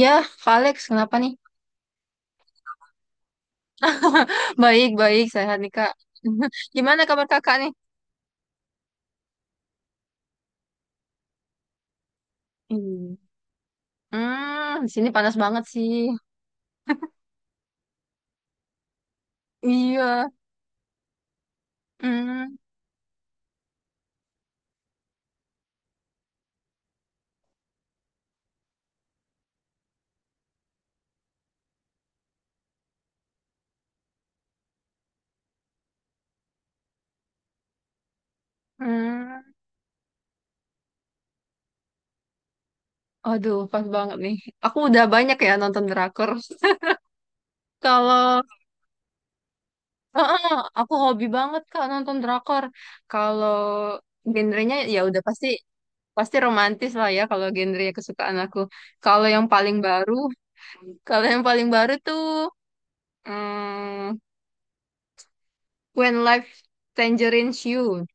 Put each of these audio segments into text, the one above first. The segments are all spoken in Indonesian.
Ya, Kak Alex, kenapa nih? Baik, baik, sehat nih, Kak. Gimana kabar kakak nih? Hmm. Di sini panas banget sih. Iya. Hmm, hmm. Aduh, pas banget nih. Aku udah banyak ya nonton drakor. Kalau Heeh, aku hobi banget Kak nonton drakor. Kalau genrenya ya udah pasti pasti romantis lah ya kalau genre kesukaan aku. Kalau yang paling baru, Kalau yang paling baru tuh hmm, When Life Tangerines You.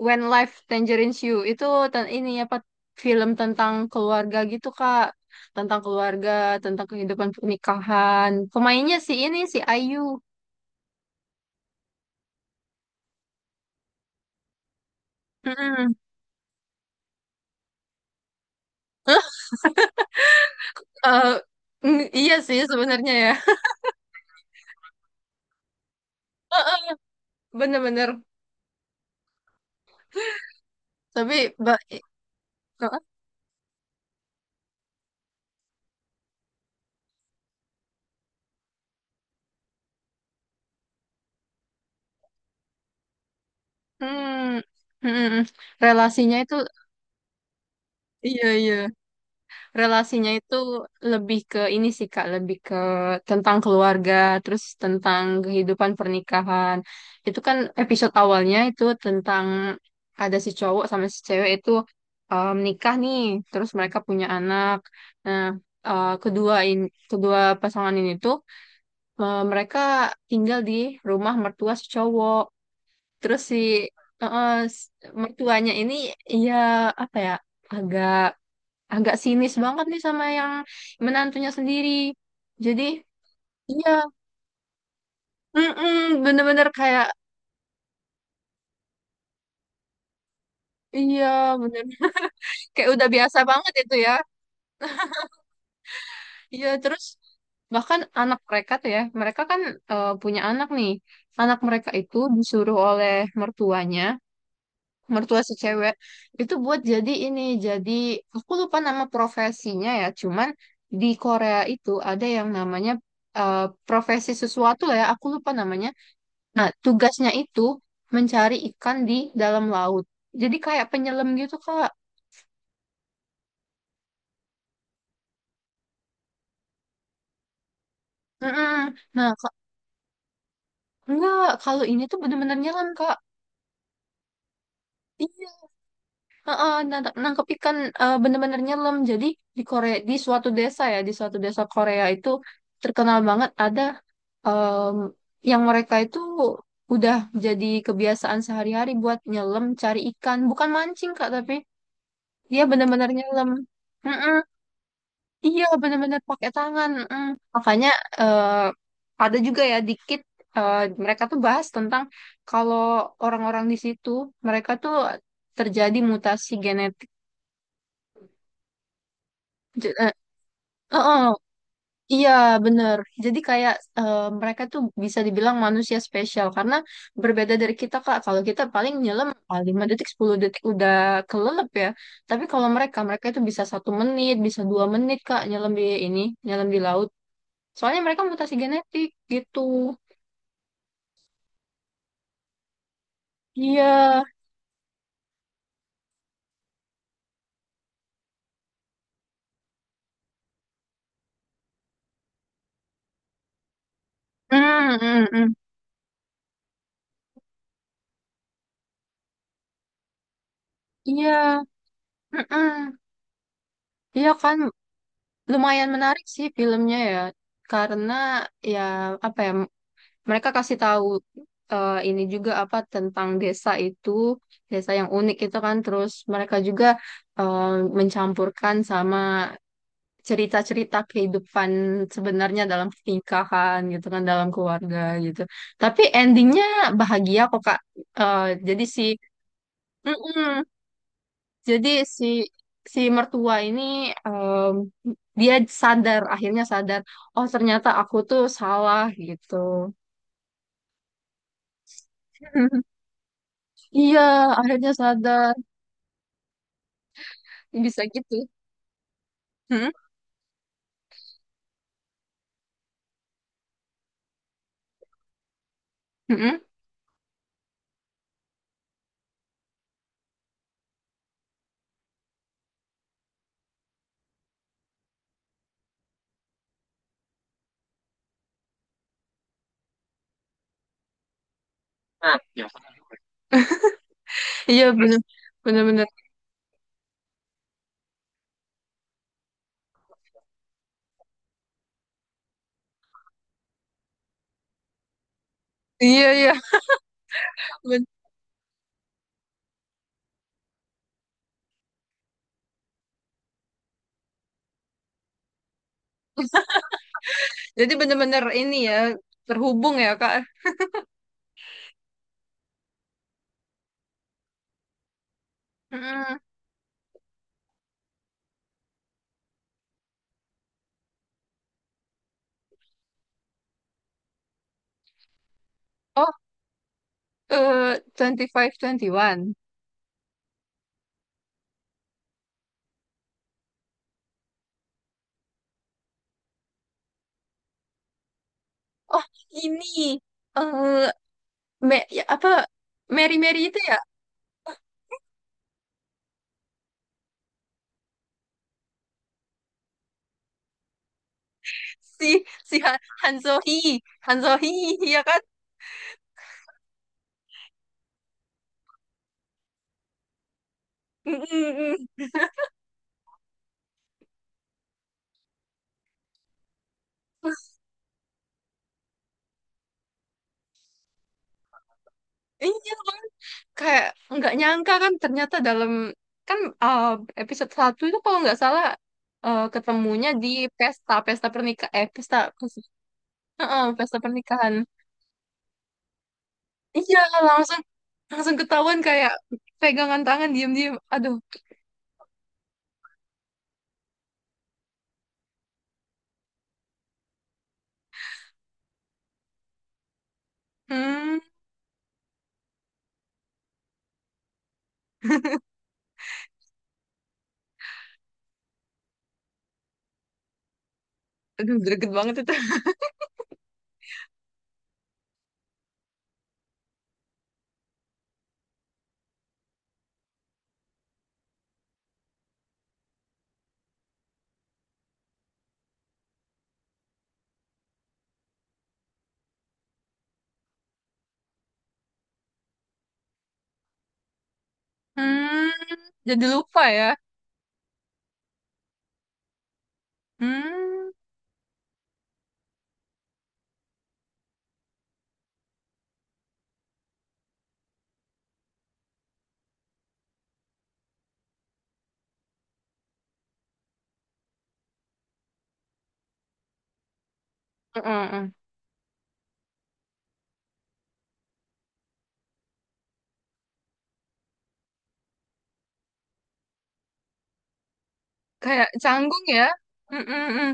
Itu ten- ini apa film tentang keluarga gitu, Kak. Tentang keluarga, tentang kehidupan pernikahan. Pemainnya si Ayu. Mm-mm. Eh, iya sih sebenarnya ya. Bener-bener. Tapi ba- eh, mm, mm, mm. relasinya itu Iya, iya. Relasinya itu lebih ke ini sih Kak, lebih ke tentang keluarga, terus tentang kehidupan pernikahan. Itu kan episode awalnya itu tentang ada si cowok sama si cewek itu menikah nih, terus mereka punya anak. Nah, eh, kedua ini kedua pasangan ini tuh mereka tinggal di rumah mertua si cowok. Terus si eh, eh, s- mertuanya ini ya apa ya agak agak sinis banget nih sama yang menantunya sendiri. Jadi, iya, mm-mm, bener-bener kayak, iya, bener, kayak udah biasa banget itu ya. Iya, terus bahkan anak mereka tuh ya, mereka kan punya anak nih. Anak mereka itu disuruh oleh mertuanya, mertua si cewek, itu buat jadi ini, jadi aku lupa nama profesinya ya, cuman di Korea itu ada yang namanya eh, profesi sesuatu lah ya, aku lupa namanya. Nah, tugasnya itu mencari ikan di dalam laut. Jadi kayak penyelam gitu, Kak. Mm-mm. Nah, Kak, enggak, kalau ini tuh bener-bener nyelam, Kak. Iya, heeh, nangkep ikan, bener-bener nyelam. Jadi di Korea, di suatu desa ya, di suatu desa Korea itu terkenal banget ada em, yang mereka itu udah jadi kebiasaan sehari-hari buat nyelam, cari ikan. Bukan mancing, Kak, tapi dia bener-bener nyelam. Mm-mm. Iya, bener-bener pakai tangan. Mm. Makanya eh, ada juga ya dikit, eh, mereka tuh bahas tentang kalau orang-orang di situ mereka tuh terjadi mutasi genetik. Je- eh, eh, eh, iya, bener. Jadi kayak mereka tuh bisa dibilang manusia spesial karena berbeda dari kita, Kak. Kalau kita paling nyelam, 5 detik, 10 detik udah kelelep ya. Tapi kalau mereka itu bisa 1 menit, bisa 2 menit, Kak, nyelam di laut. Soalnya mereka mutasi genetik gitu. Iya. Hmm, hmm, hmm. Iya. Mm-mm. Iya kan lumayan menarik sih filmnya ya. Karena ya apa ya mereka kasih tahu, ini juga apa tentang desa itu, desa yang unik itu kan, terus mereka juga eh, mencampurkan sama cerita-cerita kehidupan sebenarnya dalam pernikahan gitu kan, dalam keluarga gitu, tapi endingnya bahagia kok, Kak. Eh, jadi si Mm-mm. jadi si si mertua ini, em, dia sadar, akhirnya sadar, oh ternyata aku tuh salah gitu. Iya, akhirnya sadar bisa gitu. Mm-mm. Mm-mm. Nah, iya, terus bener-bener iya, iya. Ben- jadi bener-bener ini ya, terhubung ya, Kak. Hmm. Oh, eh, twenty five twenty one. Oh, ini. Eh, ya, apa? Mary Mary itu ya? Si, si Han Sohee. Han Sohee, ya kan? Mm, mm, mm. Iya kan? Kayak nggak nyangka kan ternyata dalam. Kan episode 1 itu kalau nggak salah ketemunya di pesta. Pesta pernikahan. Eh, pesta... pesta Heeh, pesta pernikahan. Iya, langsung langsung ketahuan kayak pegangan tangan diam-diam. Aduh. Hmm. Aduh, greget banget itu. Hmm, jadi lupa ya. Hmm, heeh, heeh. Kayak canggung ya. Mm, mm, mm.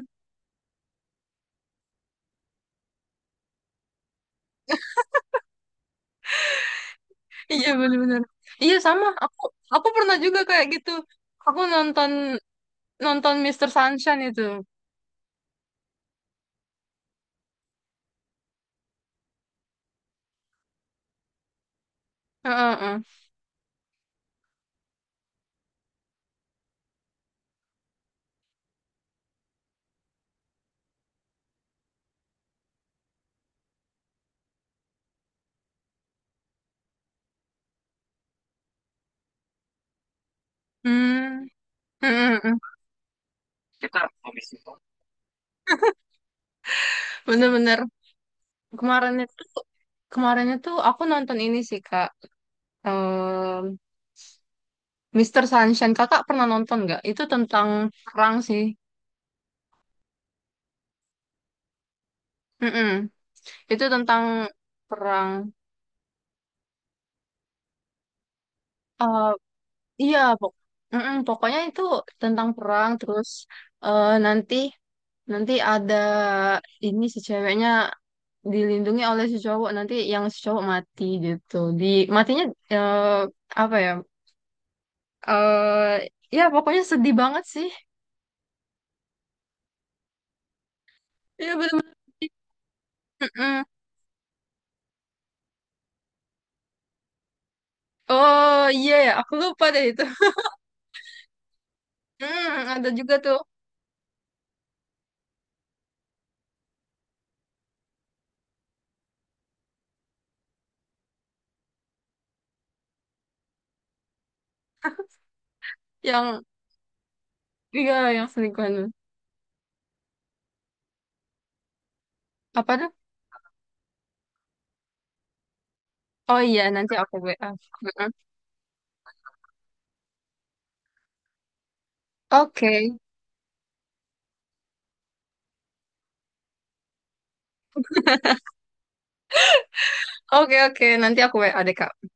Iya benar-benar. Iya sama. Aku pernah juga kayak gitu. Aku nonton nonton Mister Sunshine itu. Heeh, heeh. Hmm, mm, mm, mm. Kita habis itu. Bener-bener kemarin itu kemarin itu aku nonton ini sih, Kak. Em, Mr. Sunshine. Kakak pernah nonton nggak? Itu tentang perang sih. Mm-mm. Itu tentang perang. eh iya, Mm-mm, pokoknya itu tentang perang. Terus eh, nanti nanti ada ini si ceweknya dilindungi oleh si cowok. Nanti yang si cowok mati gitu. Di matinya eh, apa ya? eh Ya pokoknya sedih banget sih. Iya benar-benar. Mm-mm. Oh iya ya, aku lupa deh itu. Mm, ada juga tuh, yang iya, yang selingkuhan. Apa tuh? Oh iya nanti aku WA. Oke, oke, oke. Nanti aku WA deh, Kak.